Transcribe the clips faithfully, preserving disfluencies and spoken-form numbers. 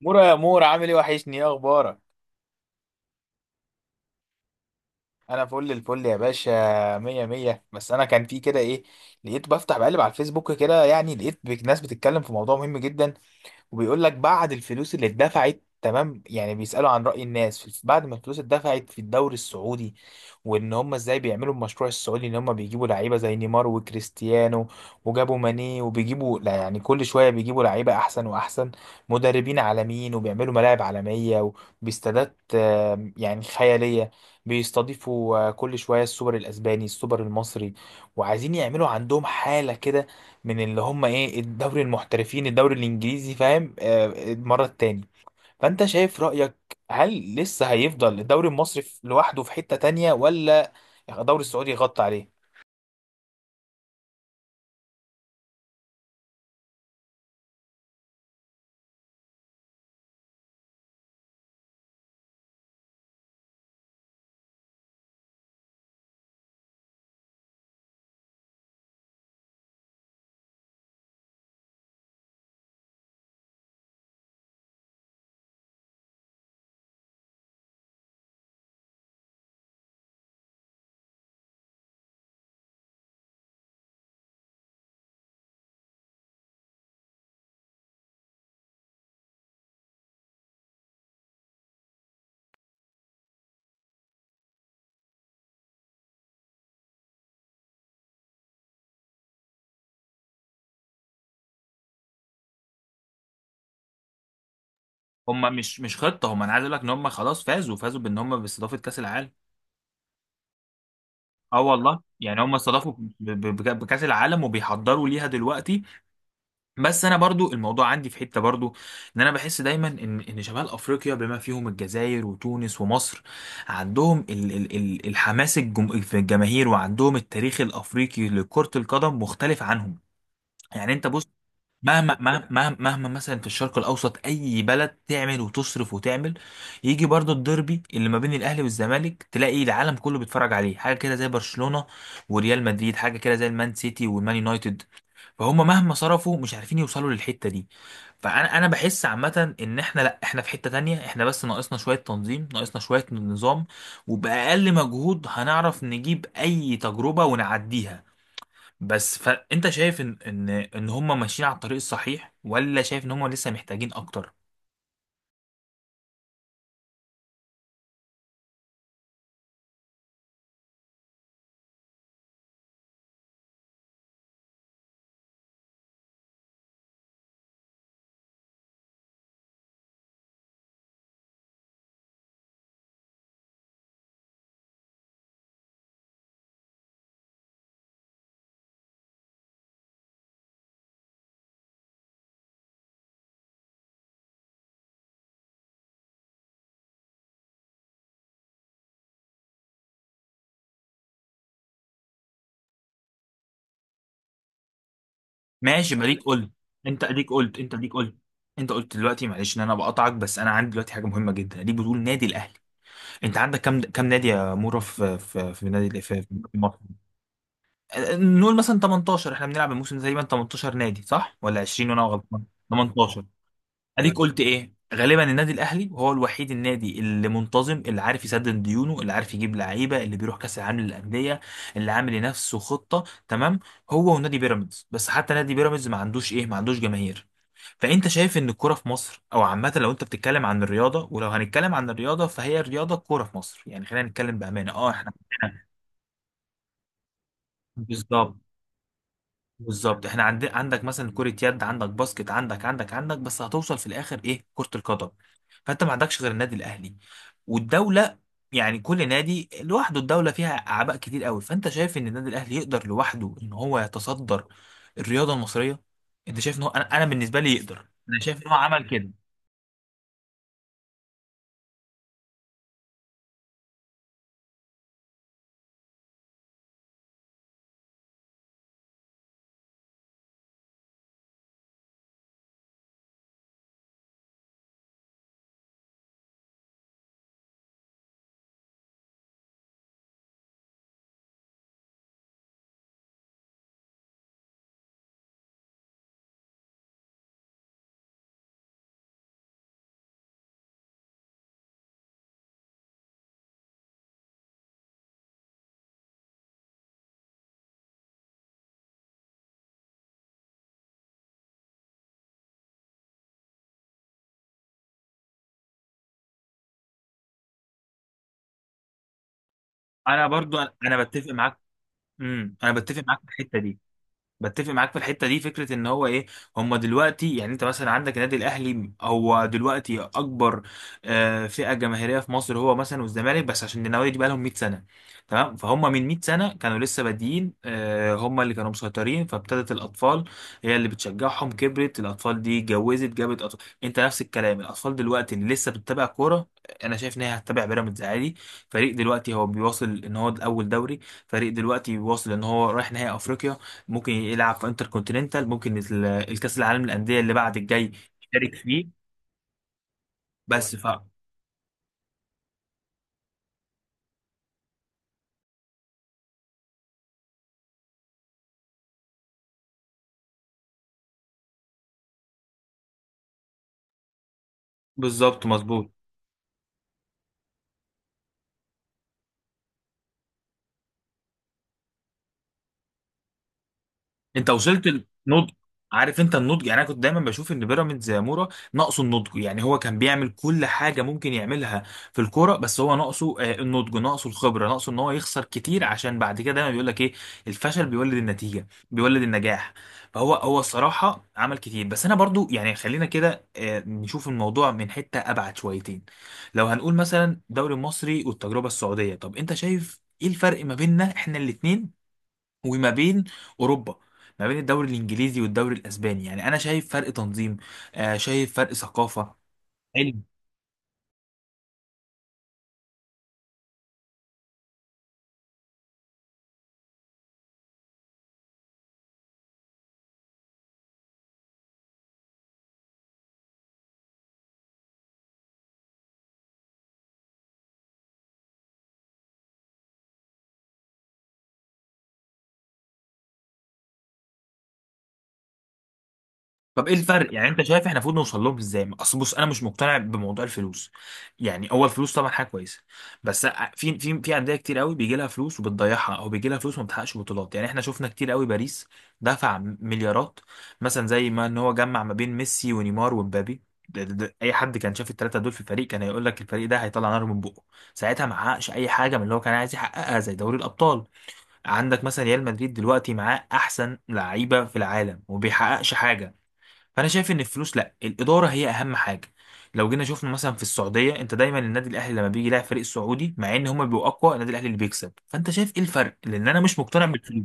مورا يا مورا، عامل ايه؟ وحشني، ايه اخبارك؟ انا فل الفل يا باشا. مية مية. بس انا كان في كده ايه، لقيت بفتح بقلب على الفيسبوك كده، يعني لقيت بك- ناس بتتكلم في موضوع مهم جدا، وبيقول لك بعد الفلوس اللي اتدفعت، تمام؟ يعني بيسألوا عن رأي الناس في- بعد ما الفلوس اتدفعت في الدوري السعودي، وان هم ازاي بيعملوا المشروع السعودي، ان هم بيجيبوا لعيبة زي نيمار وكريستيانو، وجابوا ماني، وبيجيبوا لا يعني كل شوية بيجيبوا لعيبة احسن واحسن، مدربين عالميين، وبيعملوا ملاعب عالمية وباستادات آه، يعني خيالية. بيستضيفوا آه، كل شوية السوبر الاسباني، السوبر المصري، وعايزين يعملوا عندهم حالة كده، من اللي هم ايه، الدوري المحترفين، الدوري الانجليزي، فاهم؟ آه، المره التاني. فانت شايف رايك، هل لسه هيفضل الدوري المصري في- لوحده في حته تانية، ولا الدوري السعودي يغطي عليه؟ هما مش مش خطه، هما انا عايز اقول لك ان هما خلاص فازوا، فازوا بان هما باستضافه كاس العالم. اه والله، يعني هما استضافوا ب- ب- بك- بكاس العالم، وبيحضروا ليها دلوقتي. بس انا برضو الموضوع عندي في حته برضو، ان انا بحس دايما ان ان شمال افريقيا بما فيهم الجزائر وتونس ومصر، عندهم ال ال ال الحماس الجم في الجماهير، وعندهم التاريخ الافريقي لكره القدم مختلف عنهم. يعني انت بص، مهما مهما مهما مهما مثلا في الشرق الاوسط اي بلد تعمل وتصرف وتعمل، يجي برضو الديربي اللي ما بين الاهلي والزمالك، تلاقي العالم كله بيتفرج عليه، حاجه كده زي برشلونه وريال مدريد، حاجه كده زي المان سيتي والمان يونايتد. فهم مهما صرفوا مش عارفين يوصلوا للحته دي. فانا انا بحس عامه ان احنا، لا احنا في حته تانية، احنا بس ناقصنا شويه تنظيم، ناقصنا شويه نظام، وباقل مجهود هنعرف نجيب اي تجربه ونعديها. بس فانت شايف ان ان ان هم ماشيين على الطريق الصحيح، ولا شايف ان هم لسه محتاجين اكتر؟ ماشي، ما ليك قلت. انت اديك قلت انت اديك قلت. انت قلت دلوقتي، معلش ان انا بقطعك، بس انا عندي دلوقتي حاجه مهمه جدا ليك. بتقول نادي الاهلي، انت عندك كام كام نادي يا مورا؟ في في في نادي في في مصر. نقول مثلا تمنتاشر، احنا بنلعب الموسم ده تقريبا تمنتاشر نادي، صح ولا عشرين وانا غلطان؟ تمنتاشر. اديك قلت ايه، غالبا النادي الاهلي هو الوحيد النادي اللي منتظم، اللي عارف يسدد ديونه، اللي عارف يجيب لعيبه، اللي بيروح كاس العالم للانديه، اللي عامل لنفسه خطه، تمام؟ هو ونادي بيراميدز، بس حتى نادي بيراميدز ما عندوش ايه، ما عندوش جماهير. فانت شايف ان الكوره في مصر او عامه، لو انت بتتكلم عن الرياضه، ولو هنتكلم عن الرياضه فهي الرياضه، الكوره في مصر. يعني خلينا نتكلم بامانه، اه احنا بالظبط. بالظبط، احنا عند... عندك مثلا كرة يد، عندك باسكت، عندك عندك عندك، بس هتوصل في الاخر ايه؟ كرة القدم. فانت ما عندكش غير النادي الاهلي والدولة. يعني كل نادي لوحده، الدولة فيها اعباء كتير قوي. فانت شايف ان النادي الاهلي يقدر لوحده ان هو يتصدر الرياضة المصرية؟ انت شايف ان هو، انا, أنا بالنسبة لي يقدر، انا شايف ان هو عمل كده. انا برضو انا أنا بتفق معاك. امم انا بتفق معاك في الحتة دي. بتفق معاك في الحته دي، فكره ان هو ايه. هم دلوقتي، يعني انت مثلا عندك النادي الاهلي، هو دلوقتي اكبر آه، فئه جماهيريه في مصر، هو مثلا والزمالك، بس عشان النوادي دي بقى لهم مئة سنه، تمام؟ فهم من مئة سنه كانوا لسه بادئين، آه، هم اللي كانوا مسيطرين، فابتدت الاطفال هي اللي بتشجعهم، كبرت الاطفال دي اتجوزت جابت أطفال. انت نفس الكلام، الاطفال دلوقتي اللي لسه بتتابع كوره، انا شايف ان هي هتتابع بيراميدز عادي. فريق دلوقتي هو بيواصل ان هو الاول دوري، فريق دلوقتي بيواصل ان هو رايح نهائي افريقيا، ممكن يلعب في انتر كونتيننتال، ممكن ال- الكاس العالم للانديه اللي بعد الجاي، يشارك فيه. بس ف بالظبط، مظبوط. انت وصلت النضج. عارف انت النضج، يعني انا كنت دايما بشوف ان بيراميدز يا مورا ناقصه النضج، يعني هو كان بيعمل كل حاجه ممكن يعملها في الكوره، بس هو ناقصه آه، النضج، ناقصه الخبره، ناقصه ان هو يخسر كتير، عشان بعد كده دايما بيقول لك ايه، الفشل بيولد النتيجه، بيولد النجاح. فهو هو الصراحه عمل كتير، بس انا برضو يعني خلينا كده آه، نشوف الموضوع من حته ابعد شويتين. لو هنقول مثلا الدوري المصري والتجربه السعوديه، طب انت شايف ايه الفرق ما بيننا احنا الاثنين، وما بين اوروبا، ما بين الدوري الانجليزي والدوري الاسباني؟ يعني انا شايف فرق تنظيم، آه، شايف فرق ثقافه. طب ايه الفرق، يعني انت شايف احنا المفروض نوصل لهم ازاي؟ اصل بص، انا مش مقتنع بموضوع الفلوس. يعني اول فلوس طبعا حاجه كويسه، بس في في في انديه كتير قوي بيجي لها فلوس وبتضيعها، او بيجي لها فلوس وما بتحققش بطولات. يعني احنا شفنا كتير قوي، باريس دفع مليارات، مثلا زي ما ان هو جمع ما بين ميسي ونيمار ومبابي، ده- ده- ده اي حد كان شاف الثلاثه دول في الفريق كان هيقول لك الفريق ده هيطلع نار من بقه. ساعتها ما حققش اي حاجه من اللي هو كان عايز يحققها زي دوري الابطال. عندك مثلا ريال مدريد دلوقتي معاه احسن لعيبه في العالم وبيحققش حاجه. فانا شايف ان الفلوس لا، الاداره هي اهم حاجه. لو جينا شفنا مثلا في السعوديه، انت دايما النادي الاهلي لما بيجي يلاعب فريق سعودي، مع ان هما بيبقوا اقوى، النادي الاهلي اللي بيكسب. فانت شايف ايه الفرق، لان انا مش مقتنع بالفلوس.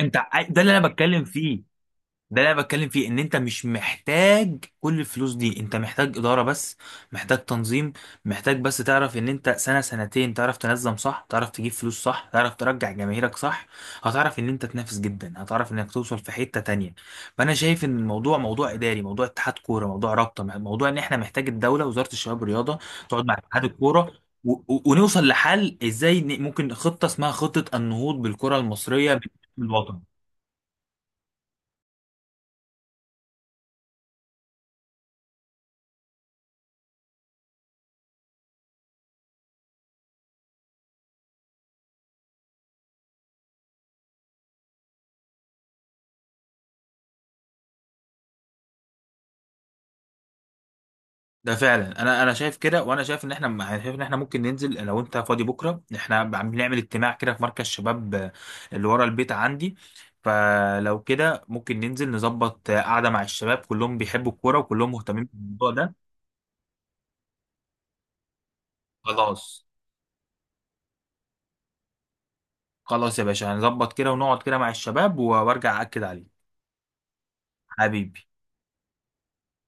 انت ع- ده اللي انا بتكلم فيه. ده اللي انا بتكلم فيه، ان انت مش محتاج كل الفلوس دي، انت محتاج اداره بس، محتاج تنظيم، محتاج بس تعرف ان انت سنه سنتين تعرف تنظم صح، تعرف تجيب فلوس صح، تعرف ترجع جماهيرك صح، هتعرف ان انت تنافس جدا، هتعرف انك توصل في حته تانية. فانا شايف ان الموضوع موضوع اداري، موضوع اتحاد كوره، موضوع رابطه، موضوع ان احنا محتاج الدوله، وزاره الشباب والرياضه تقعد مع اتحاد الكوره، و- و- ونوصل لحل ازاي، ن- ممكن خطه اسمها خطه النهوض بالكره المصريه من الوطن. ده فعلا انا انا شايف كده، وانا شايف ان احنا، أنا شايف ان احنا ممكن ننزل. لو انت فاضي بكره، احنا عم بنعمل اجتماع كده في مركز شباب آه، اللي ورا البيت عندي. فلو كده ممكن ننزل نظبط آه، قعده مع الشباب، كلهم بيحبوا الكوره وكلهم مهتمين بالموضوع ده. خلاص. خلاص يا باشا، هنظبط كده ونقعد كده مع الشباب، و- وارجع اكد عليه. حبيبي.